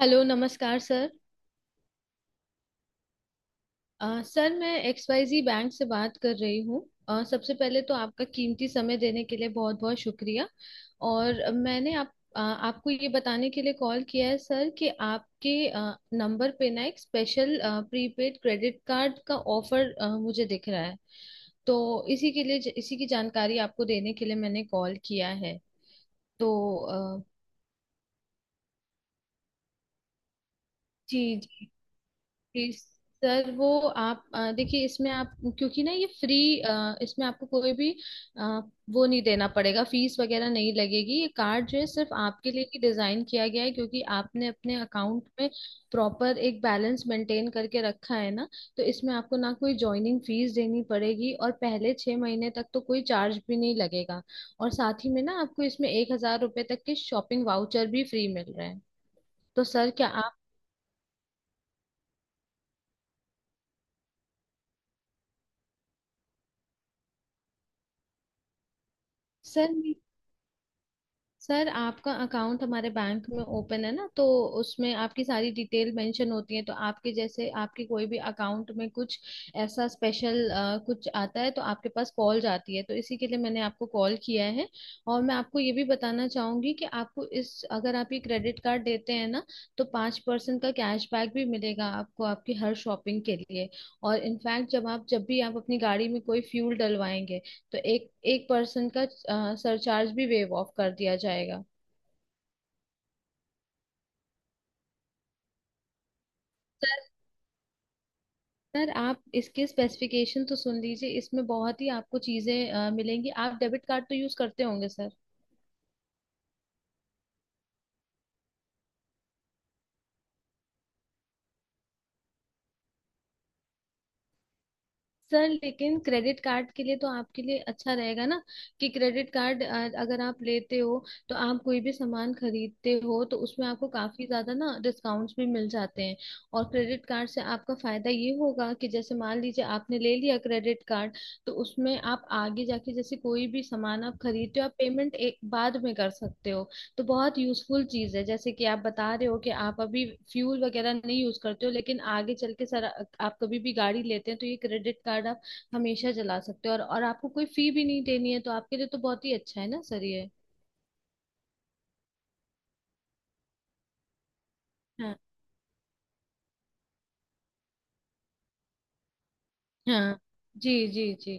Hello नमस्कार sir. Sir मैं XYZ bank से बात कर रही हूँ। सबसे पहले तो आपका कीमती समय देने के लिए बहुत बहुत शुक्रिया। और मैंने आपको ये बताने के लिए कॉल किया है सर कि आपके नंबर पे ना एक स्पेशल प्रीपेड क्रेडिट कार्ड का ऑफर मुझे दिख रहा है। तो इसी के लिए इसी की जानकारी आपको देने के लिए मैंने कॉल किया है। तो जी जी जी। सर वो आप देखिए इसमें आप क्योंकि ना ये फ्री इसमें आपको कोई भी अ, वो नहीं देना पड़ेगा, फीस वगैरह नहीं लगेगी, ये कार्ड जो है सिर्फ आपके लिए ही डिजाइन किया गया है क्योंकि आपने अपने अकाउंट में प्रॉपर एक बैलेंस मेंटेन करके रखा है ना। तो इसमें आपको ना कोई ज्वाइनिंग फीस देनी पड़ेगी और पहले 6 महीने तक तो कोई चार्ज भी नहीं लगेगा। और साथ ही में ना आपको इसमें 1,000 रुपये तक के शॉपिंग वाउचर भी फ्री मिल रहे हैं। तो सर क्या आप। सर सर आपका अकाउंट हमारे बैंक में ओपन है ना, तो उसमें आपकी सारी डिटेल मेंशन होती है। तो आपके जैसे आपके कोई भी अकाउंट में कुछ ऐसा स्पेशल कुछ आता है तो आपके पास कॉल जाती है, तो इसी के लिए मैंने आपको कॉल किया है। और मैं आपको ये भी बताना चाहूंगी कि आपको इस, अगर आप ये क्रेडिट कार्ड देते हैं ना तो 5% का कैशबैक भी मिलेगा आपको आपकी हर शॉपिंग के लिए। और इनफैक्ट जब भी आप अपनी गाड़ी में कोई फ्यूल डलवाएंगे तो एक एक पर्सन का सरचार्ज भी वेव ऑफ कर दिया जाएगा। सर सर आप इसके स्पेसिफिकेशन तो सुन लीजिए, इसमें बहुत ही आपको चीजें मिलेंगी। आप डेबिट कार्ड तो यूज करते होंगे सर। सर लेकिन क्रेडिट कार्ड के लिए तो आपके लिए अच्छा रहेगा ना, कि क्रेडिट कार्ड अगर आप लेते हो तो आप कोई भी सामान खरीदते हो तो उसमें आपको काफी ज्यादा ना डिस्काउंट्स भी मिल जाते हैं। और क्रेडिट कार्ड से आपका फायदा ये होगा कि जैसे मान लीजिए आपने ले लिया क्रेडिट कार्ड, तो उसमें आप आगे जाके जैसे कोई भी सामान आप खरीदते हो आप पेमेंट एक बाद में कर सकते हो। तो बहुत यूजफुल चीज है, जैसे कि आप बता रहे हो कि आप अभी फ्यूल वगैरह नहीं यूज करते हो, लेकिन आगे चल के सर आप कभी भी गाड़ी लेते हैं तो ये क्रेडिट कार्ड आप हमेशा चला सकते हो, और आपको कोई फी भी नहीं देनी है, तो आपके लिए तो बहुत ही अच्छा है ना सर ये। हाँ हाँ। जी जी जी।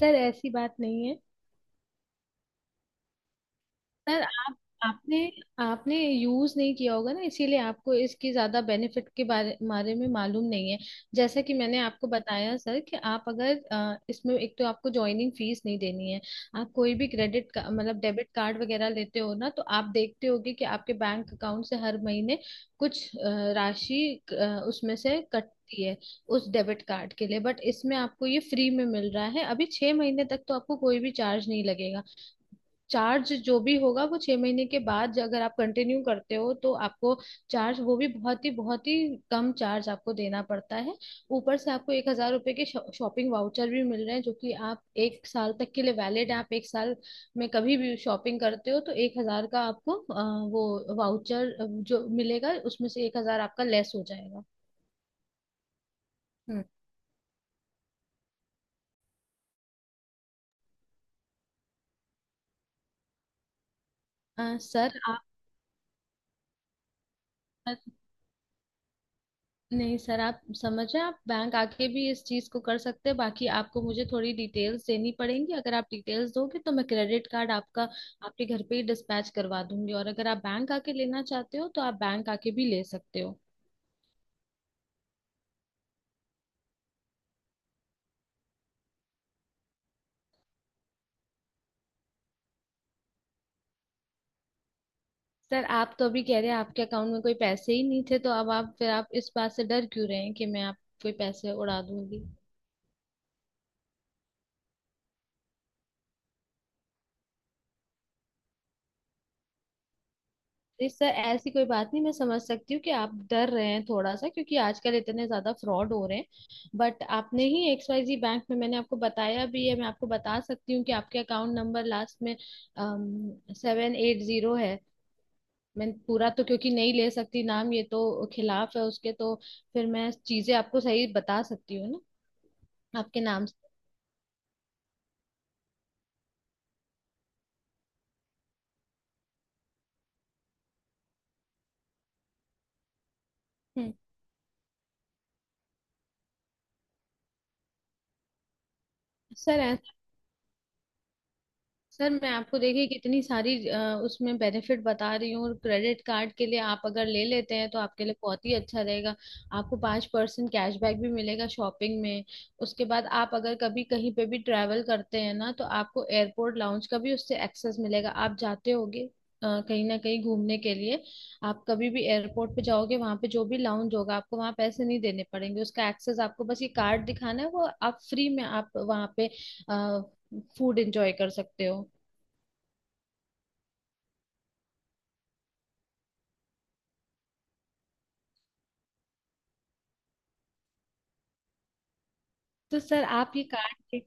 सर ऐसी बात नहीं है। सर आप आपने आपने यूज नहीं किया होगा ना, इसीलिए आपको इसकी ज्यादा बेनिफिट के बारे बारे में मालूम नहीं है। जैसा कि मैंने आपको बताया सर कि आप अगर इसमें, एक तो आपको ज्वाइनिंग फीस नहीं देनी है। आप कोई भी क्रेडिट का मतलब डेबिट कार्ड वगैरह लेते हो ना, तो आप देखते होगे कि आपके बैंक अकाउंट से हर महीने कुछ राशि उसमें से कटती है उस डेबिट कार्ड के लिए, बट इसमें आपको ये फ्री में मिल रहा है। अभी 6 महीने तक तो आपको कोई भी चार्ज नहीं लगेगा। चार्ज जो भी होगा वो 6 महीने के बाद, अगर आप कंटिन्यू करते हो तो आपको चार्ज, वो भी बहुत ही कम चार्ज आपको देना पड़ता है। ऊपर से आपको 1,000 रुपए के शॉपिंग वाउचर भी मिल रहे हैं, जो कि आप एक साल तक के लिए वैलिड है। आप एक साल में कभी भी शॉपिंग करते हो तो 1,000 का आपको वो वाउचर जो मिलेगा उसमें से 1,000 आपका लेस हो जाएगा। हम्म। सर आप। नहीं सर, आप समझे, आप बैंक आके भी इस चीज को कर सकते हैं, बाकी आपको मुझे थोड़ी डिटेल्स देनी पड़ेंगी। अगर आप डिटेल्स दोगे तो मैं क्रेडिट कार्ड आपका आपके घर पे ही डिस्पैच करवा दूंगी, और अगर आप बैंक आके लेना चाहते हो तो आप बैंक आके भी ले सकते हो। सर आप तो अभी कह रहे हैं आपके अकाउंट में कोई पैसे ही नहीं थे, तो अब आप फिर आप इस बात से डर क्यों रहे हैं कि मैं आप कोई पैसे उड़ा दूंगी। जी सर, ऐसी कोई बात नहीं। मैं समझ सकती हूँ कि आप डर रहे हैं थोड़ा सा, क्योंकि आजकल इतने ज्यादा फ्रॉड हो रहे हैं। बट आपने ही XYZ बैंक में, मैंने आपको बताया भी है, मैं आपको बता सकती हूँ कि आपके अकाउंट नंबर लास्ट में 780 है। मैं पूरा तो क्योंकि नहीं ले सकती नाम, ये तो खिलाफ है उसके, तो फिर मैं चीजें आपको सही बता सकती हूँ ना आपके नाम से। हम्म। सर सर मैं आपको देखिए कितनी सारी उसमें बेनिफिट बता रही हूँ, और क्रेडिट कार्ड के लिए आप अगर ले लेते हैं तो आपके लिए बहुत ही अच्छा रहेगा। आपको 5% कैशबैक भी मिलेगा शॉपिंग में। उसके बाद आप अगर कभी कहीं पे भी ट्रैवल करते हैं ना, तो आपको एयरपोर्ट लाउंज का भी उससे एक्सेस मिलेगा। आप जाते होगे कहीं ना कहीं घूमने के लिए। आप कभी भी एयरपोर्ट पे जाओगे वहां पे जो भी लाउंज होगा आपको वहां पैसे नहीं देने पड़ेंगे, उसका एक्सेस आपको, बस ये कार्ड दिखाना है, वो आप फ्री में आप वहां पे फूड एंजॉय कर सकते हो। तो सर आप ये कार्ड,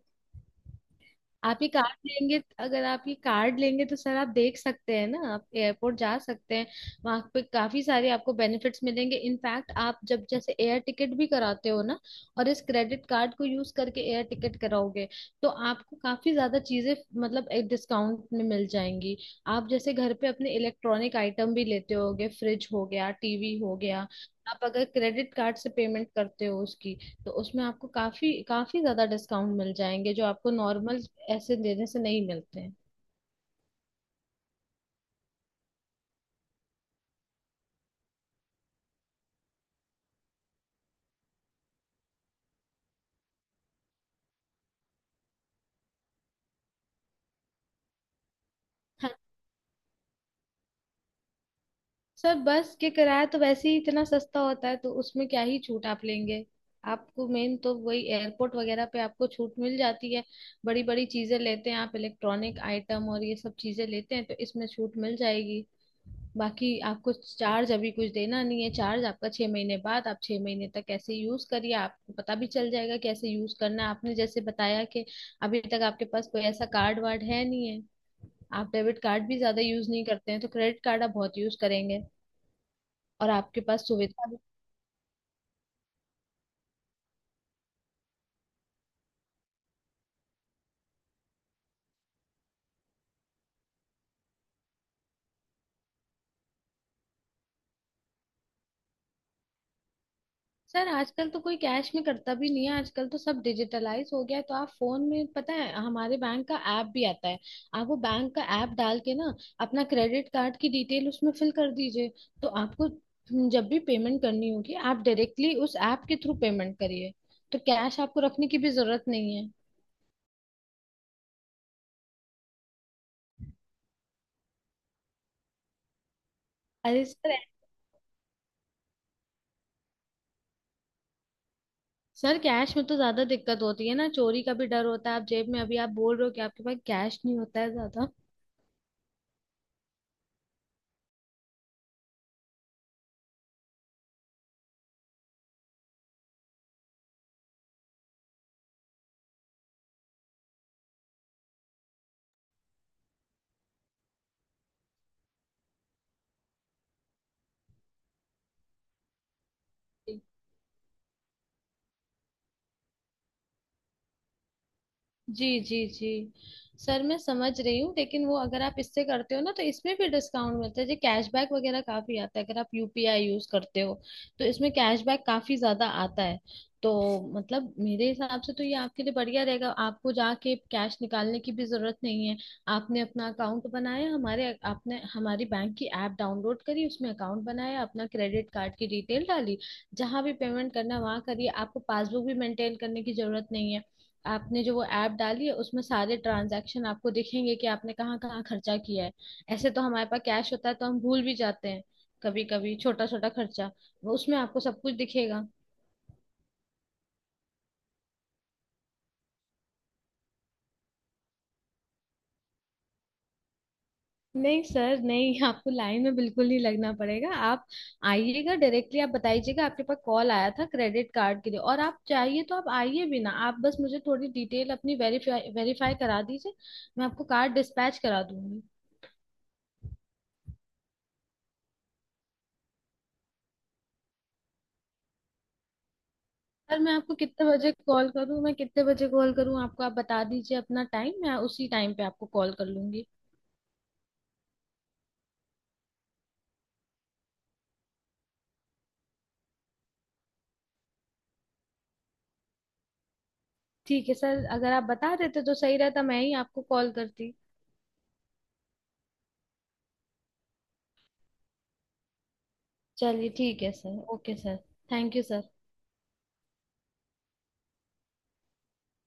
आप ये कार्ड लेंगे, अगर आप ये कार्ड लेंगे तो सर आप देख सकते हैं ना, आप एयरपोर्ट जा सकते हैं। वहां पे काफी सारे आपको बेनिफिट्स मिलेंगे। इनफैक्ट आप जब जैसे एयर टिकट भी कराते हो ना, और इस क्रेडिट कार्ड को यूज करके एयर टिकट कराओगे तो आपको काफी ज्यादा चीजें, मतलब एक डिस्काउंट में मिल जाएंगी। आप जैसे घर पे अपने इलेक्ट्रॉनिक आइटम भी लेते होगे, फ्रिज हो गया, TV हो गया, आप अगर क्रेडिट कार्ड से पेमेंट करते हो उसकी, तो उसमें आपको काफी काफी ज्यादा डिस्काउंट मिल जाएंगे, जो आपको नॉर्मल ऐसे देने से नहीं मिलते हैं। हाँ, सर बस के किराया तो वैसे ही इतना सस्ता होता है तो उसमें क्या ही छूट आप लेंगे। आपको मेन तो वही एयरपोर्ट वगैरह पे आपको छूट मिल जाती है। बड़ी बड़ी चीजें लेते हैं आप, इलेक्ट्रॉनिक आइटम और ये सब चीजें लेते हैं, तो इसमें छूट मिल जाएगी। बाकी आपको चार्ज अभी कुछ देना नहीं है। चार्ज आपका 6 महीने बाद, आप 6 महीने तक कैसे यूज करिए, आपको पता भी चल जाएगा कैसे यूज करना है। आपने जैसे बताया कि अभी तक आपके पास कोई ऐसा कार्ड वार्ड है नहीं है, आप डेबिट कार्ड भी ज्यादा यूज नहीं करते हैं, तो क्रेडिट कार्ड आप बहुत यूज करेंगे और आपके पास सुविधा। सर आजकल तो कोई कैश में करता भी नहीं है, आजकल तो सब डिजिटलाइज हो गया है। तो आप फोन में, पता है, हमारे बैंक का ऐप भी आता है। आप वो बैंक का ऐप डाल के ना अपना क्रेडिट कार्ड की डिटेल उसमें फिल कर दीजिए। तो आपको जब भी पेमेंट करनी होगी आप डायरेक्टली उस ऐप के थ्रू पेमेंट करिए। तो कैश आपको रखने की भी जरूरत नहीं है। अरे सर। सर कैश में तो ज्यादा दिक्कत होती है ना, चोरी का भी डर होता है आप जेब में, अभी आप बोल रहे हो कि आपके पास कैश नहीं होता है ज्यादा। जी जी जी। सर मैं समझ रही हूँ, लेकिन वो अगर आप इससे करते हो ना तो इसमें भी डिस्काउंट मिलता है, जो कैशबैक वगैरह काफी आता है। अगर आप UPI यूज करते हो तो इसमें कैशबैक काफी ज्यादा आता है तो। मतलब मेरे हिसाब से तो ये आपके लिए बढ़िया रहेगा। आपको जाके कैश निकालने की भी जरूरत नहीं है। आपने अपना अकाउंट बनाया हमारे, आपने हमारी बैंक की ऐप डाउनलोड करी, उसमें अकाउंट बनाया, अपना क्रेडिट कार्ड की डिटेल डाली, जहां भी पेमेंट करना वहां करिए। आपको पासबुक भी मेंटेन करने की जरूरत नहीं है। आपने जो वो ऐप डाली है, उसमें सारे ट्रांजैक्शन आपको दिखेंगे कि आपने कहाँ कहाँ खर्चा किया है। ऐसे तो हमारे पास कैश होता है तो हम भूल भी जाते हैं कभी कभी छोटा छोटा खर्चा, वो उसमें आपको सब कुछ दिखेगा। नहीं सर नहीं, आपको लाइन में बिल्कुल नहीं लगना पड़ेगा। आप आइएगा डायरेक्टली, आप बताइएगा आपके पास कॉल आया था क्रेडिट कार्ड के लिए, और आप चाहिए तो आप आइए भी ना, आप बस मुझे थोड़ी डिटेल अपनी वेरीफाई वेरीफाई करा दीजिए। मैं आपको कार्ड डिस्पैच करा दूंगी। सर मैं आपको कितने बजे कॉल करूं, मैं कितने बजे कॉल करूं आपको, आप बता दीजिए अपना टाइम मैं उसी टाइम पे आपको कॉल कर लूंगी। ठीक है सर, अगर आप बता देते तो सही रहता, मैं ही आपको कॉल करती। चलिए ठीक है sir. Okay sir. Thank you sir.